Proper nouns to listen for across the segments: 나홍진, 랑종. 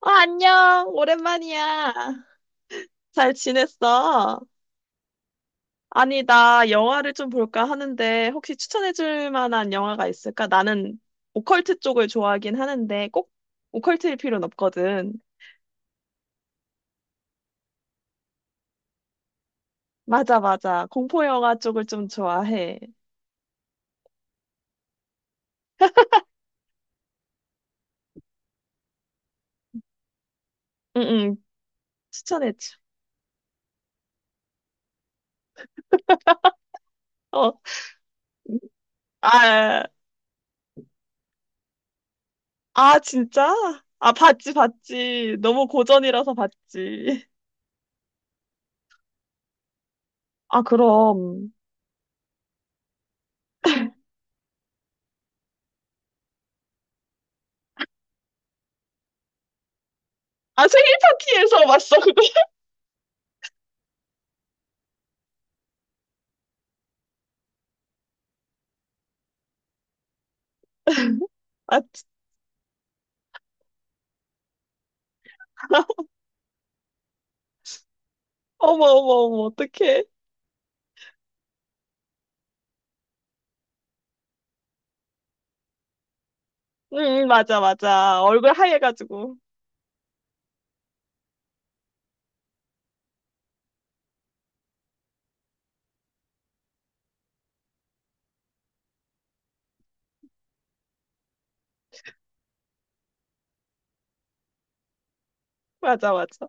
안녕. 오랜만이야. 잘 지냈어? 아니, 나 영화를 좀 볼까 하는데, 혹시 추천해줄 만한 영화가 있을까? 나는 오컬트 쪽을 좋아하긴 하는데, 꼭 오컬트일 필요는 없거든. 맞아, 맞아. 공포 영화 쪽을 좀 좋아해. 응, 응. 추천해줘. 어, 아, 진짜? 아, 봤지, 봤지. 너무 고전이라서 봤지. 아, 그럼. 아, 생일 파티에서 봤어, 그거. 맞지? 어머, 어머, 어머, 어떡해. 응, 응, 맞아, 맞아. 얼굴 하얘가지고. 맞아, 맞아.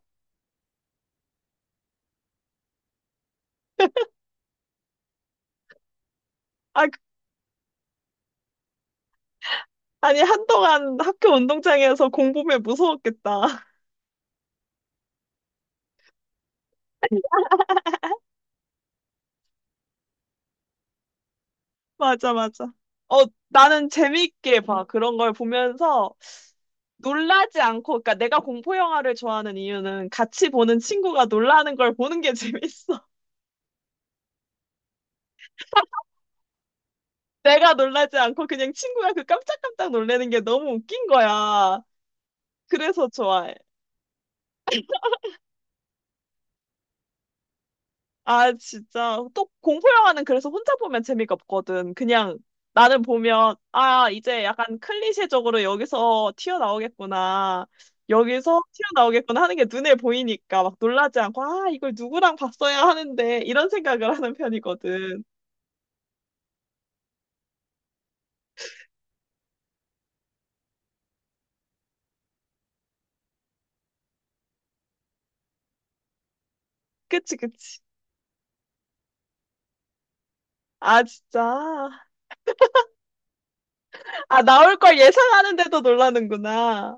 아, 그- 아니, 한동안 학교 운동장에서 공부면 무서웠겠다. 맞아, 맞아. 어, 나는 재미있게 봐. 그런 걸 보면서 놀라지 않고, 그러니까 내가 공포 영화를 좋아하는 이유는 같이 보는 친구가 놀라는 걸 보는 게 재밌어. 내가 놀라지 않고 그냥 친구가 그 깜짝깜짝 놀라는 게 너무 웃긴 거야. 그래서 좋아해. 아, 진짜. 또 공포 영화는 그래서 혼자 보면 재미가 없거든. 그냥 나는 보면, 아, 이제 약간 클리셰적으로 여기서 튀어나오겠구나. 여기서 튀어나오겠구나 하는 게 눈에 보이니까 막 놀라지 않고, 아, 이걸 누구랑 봤어야 하는데, 이런 생각을 하는 편이거든. 그치, 그치. 아, 진짜. 아, 나올 걸 예상하는데도 놀라는구나.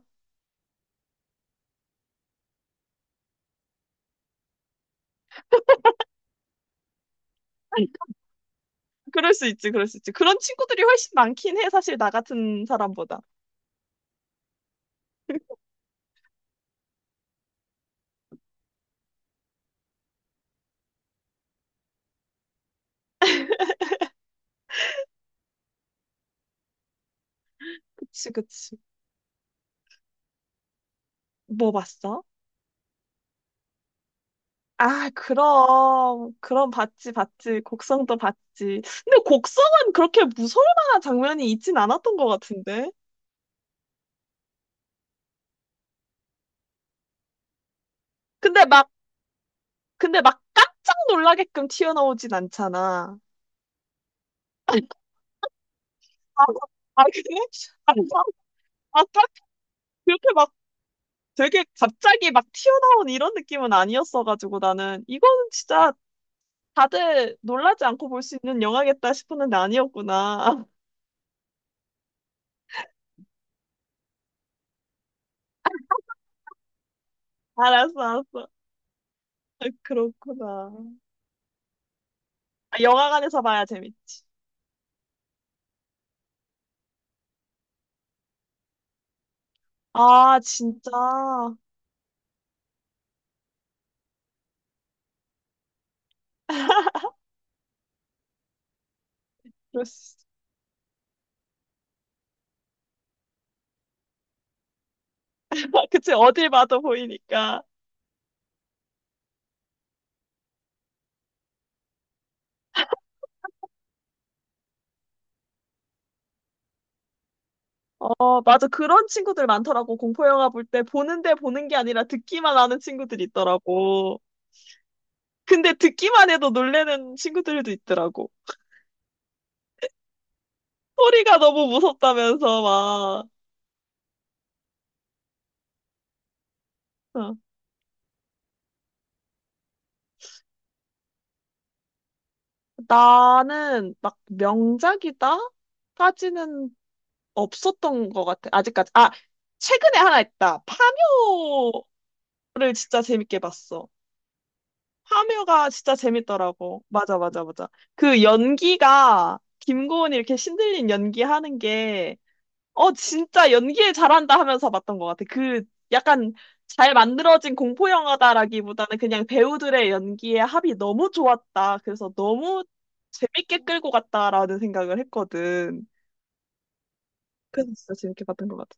그럴 수 있지, 그럴 수 있지. 그런 친구들이 훨씬 많긴 해, 사실 나 같은 사람보다. 그치, 그치. 뭐 봤어? 아, 그럼, 그럼 봤지, 봤지. 곡성도 봤지. 근데 곡성은 그렇게 무서울 만한 장면이 있진 않았던 것 같은데. 근데 막, 근데 막 깜짝 놀라게끔 튀어나오진 않잖아. 아, 아, 그래? 아, 아, 딱 그렇게 막 되게 갑자기 막 튀어나온 이런 느낌은 아니었어가지고 나는 이거는 진짜 다들 놀라지 않고 볼 수 있는 영화겠다 싶었는데 아니었구나. 알았어, 알았어. 아, 그렇구나. 아, 영화관에서 봐야 재밌지. 아, 진짜. 그럴 수 있어. 그치, 어딜 봐도 보이니까. 어, 맞아. 그런 친구들 많더라고. 공포 영화 볼 때 보는데 보는 게 아니라 듣기만 하는 친구들이 있더라고. 근데 듣기만 해도 놀래는 친구들도 있더라고. 소리가 너무 무섭다면서 막. 어. 나는 막 명작이다? 까지는 없었던 것 같아. 아직까지. 아, 최근에 하나 있다. 파묘를 진짜 재밌게 봤어. 파묘가 진짜 재밌더라고. 맞아, 맞아, 맞아. 연기가, 김고은이 이렇게 신들린 연기 하는 게, 어, 진짜 연기를 잘한다 하면서 봤던 것 같아. 약간 잘 만들어진 공포 영화다라기보다는 그냥 배우들의 연기의 합이 너무 좋았다. 그래서 너무 재밌게 끌고 갔다라는 생각을 했거든. 그래서 진짜 재밌게 봤던 것 같아.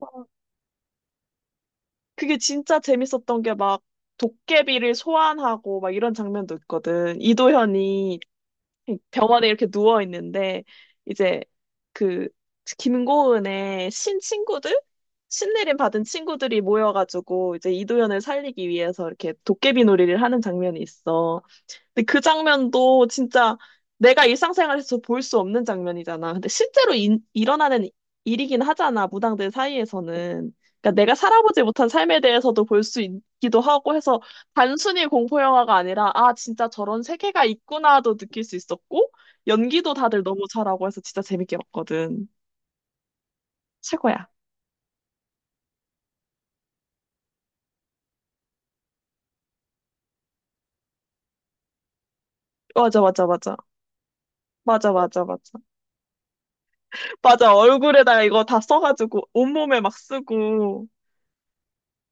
어, 그게 진짜 재밌었던 게 막, 도깨비를 소환하고 막 이런 장면도 있거든. 이도현이 병원에 이렇게 누워 있는데 이제 그 김고은의 신 친구들 신내림 받은 친구들이 모여가지고 이제 이도현을 살리기 위해서 이렇게 도깨비 놀이를 하는 장면이 있어. 근데 그 장면도 진짜 내가 일상생활에서 볼 수 없는 장면이잖아. 근데 실제로 일어나는 일이긴 하잖아, 무당들 사이에서는. 그러니까 내가 살아보지 못한 삶에 대해서도 볼 수 있기도 하고 해서 단순히 공포 영화가 아니라 아, 진짜 저런 세계가 있구나도 느낄 수 있었고 연기도 다들 너무 잘하고 해서 진짜 재밌게 봤거든. 최고야. 맞아, 맞아, 맞아. 맞아, 맞아, 맞아. 맞아, 얼굴에다가 이거 다 써가지고 온몸에 막 쓰고.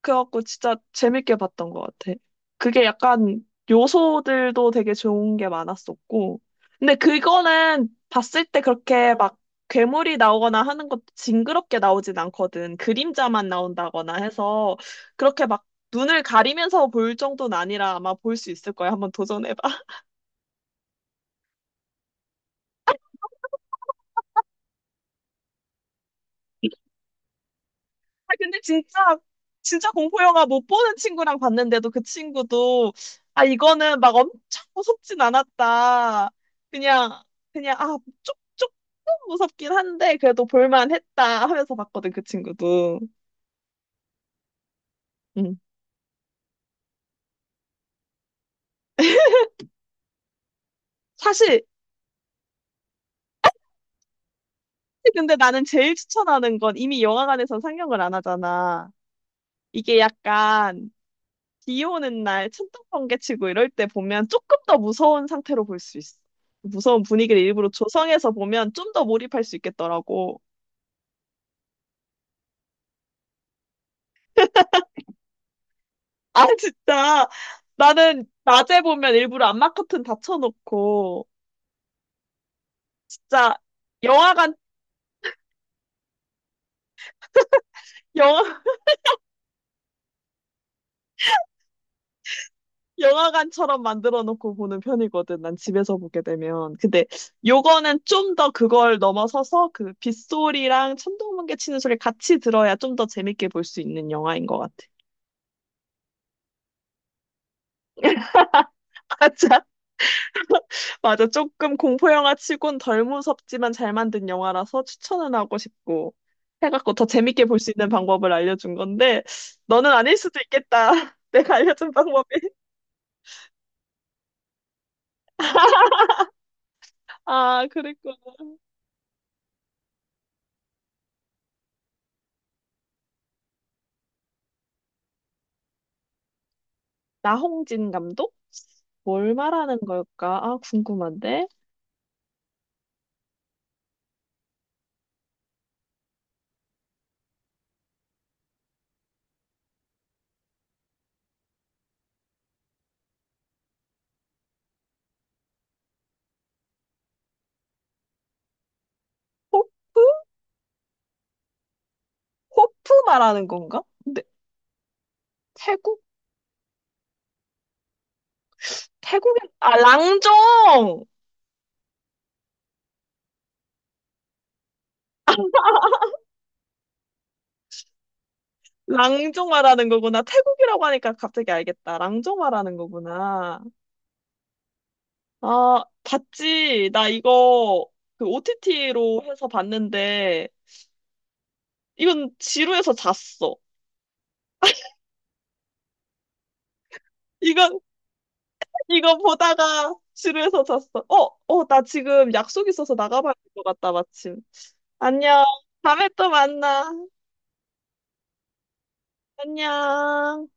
그래갖고 진짜 재밌게 봤던 것 같아. 그게 약간 요소들도 되게 좋은 게 많았었고. 근데 그거는 봤을 때 그렇게 막 괴물이 나오거나 하는 것도 징그럽게 나오진 않거든. 그림자만 나온다거나 해서 그렇게 막 눈을 가리면서 볼 정도는 아니라 아마 볼 수 있을 거야. 한번 도전해봐. 아, 근데 진짜, 진짜 공포영화 못 보는 친구랑 봤는데도 그 친구도, 아, 이거는 막 엄청 무섭진 않았다. 그냥, 그냥, 조금 무섭긴 한데, 그래도 볼만했다 하면서 봤거든, 그 친구도. 음. 사실, 근데 나는 제일 추천하는 건 이미 영화관에서 상영을 안 하잖아. 이게 약간, 비 오는 날 천둥 번개 치고 이럴 때 보면 조금 더 무서운 상태로 볼 수 있어. 무서운 분위기를 일부러 조성해서 보면 좀 더 몰입할 수 있겠더라고. 아, 진짜. 나는 낮에 보면 일부러 안마 커튼 닫혀놓고 진짜 영화관, 영화, 영화관처럼 만들어 놓고 보는 편이거든. 난 집에서 보게 되면. 근데 요거는 좀 더 그걸 넘어서서 그 빗소리랑 천둥번개 치는 소리 같이 들어야 좀 더 재밌게 볼 수 있는 영화인 것 같아. 맞아. 맞아. 조금 공포 영화 치곤 덜 무섭지만 잘 만든 영화라서 추천은 하고 싶고 해갖고 더 재밌게 볼 수 있는 방법을 알려준 건데 너는 아닐 수도 있겠다. 내가 알려준 방법이. 아, 그랬구나. 나홍진 감독? 뭘 말하는 걸까? 아, 궁금한데. 호프? 호프 말하는 건가? 근데 태국? 태국인? 아, 랑종! 랑종 말하는 거구나. 태국이라고 하니까 갑자기 알겠다. 랑종 말하는 거구나. 아, 봤지. 나 이거 OTT로 해서 봤는데, 이건 지루해서 잤어. 이건, 이거 보다가 지루해서 잤어. 어, 어, 나 지금 약속 있어서 나가봐야 될 것 같다, 마침. 안녕. 다음에 또 만나. 안녕.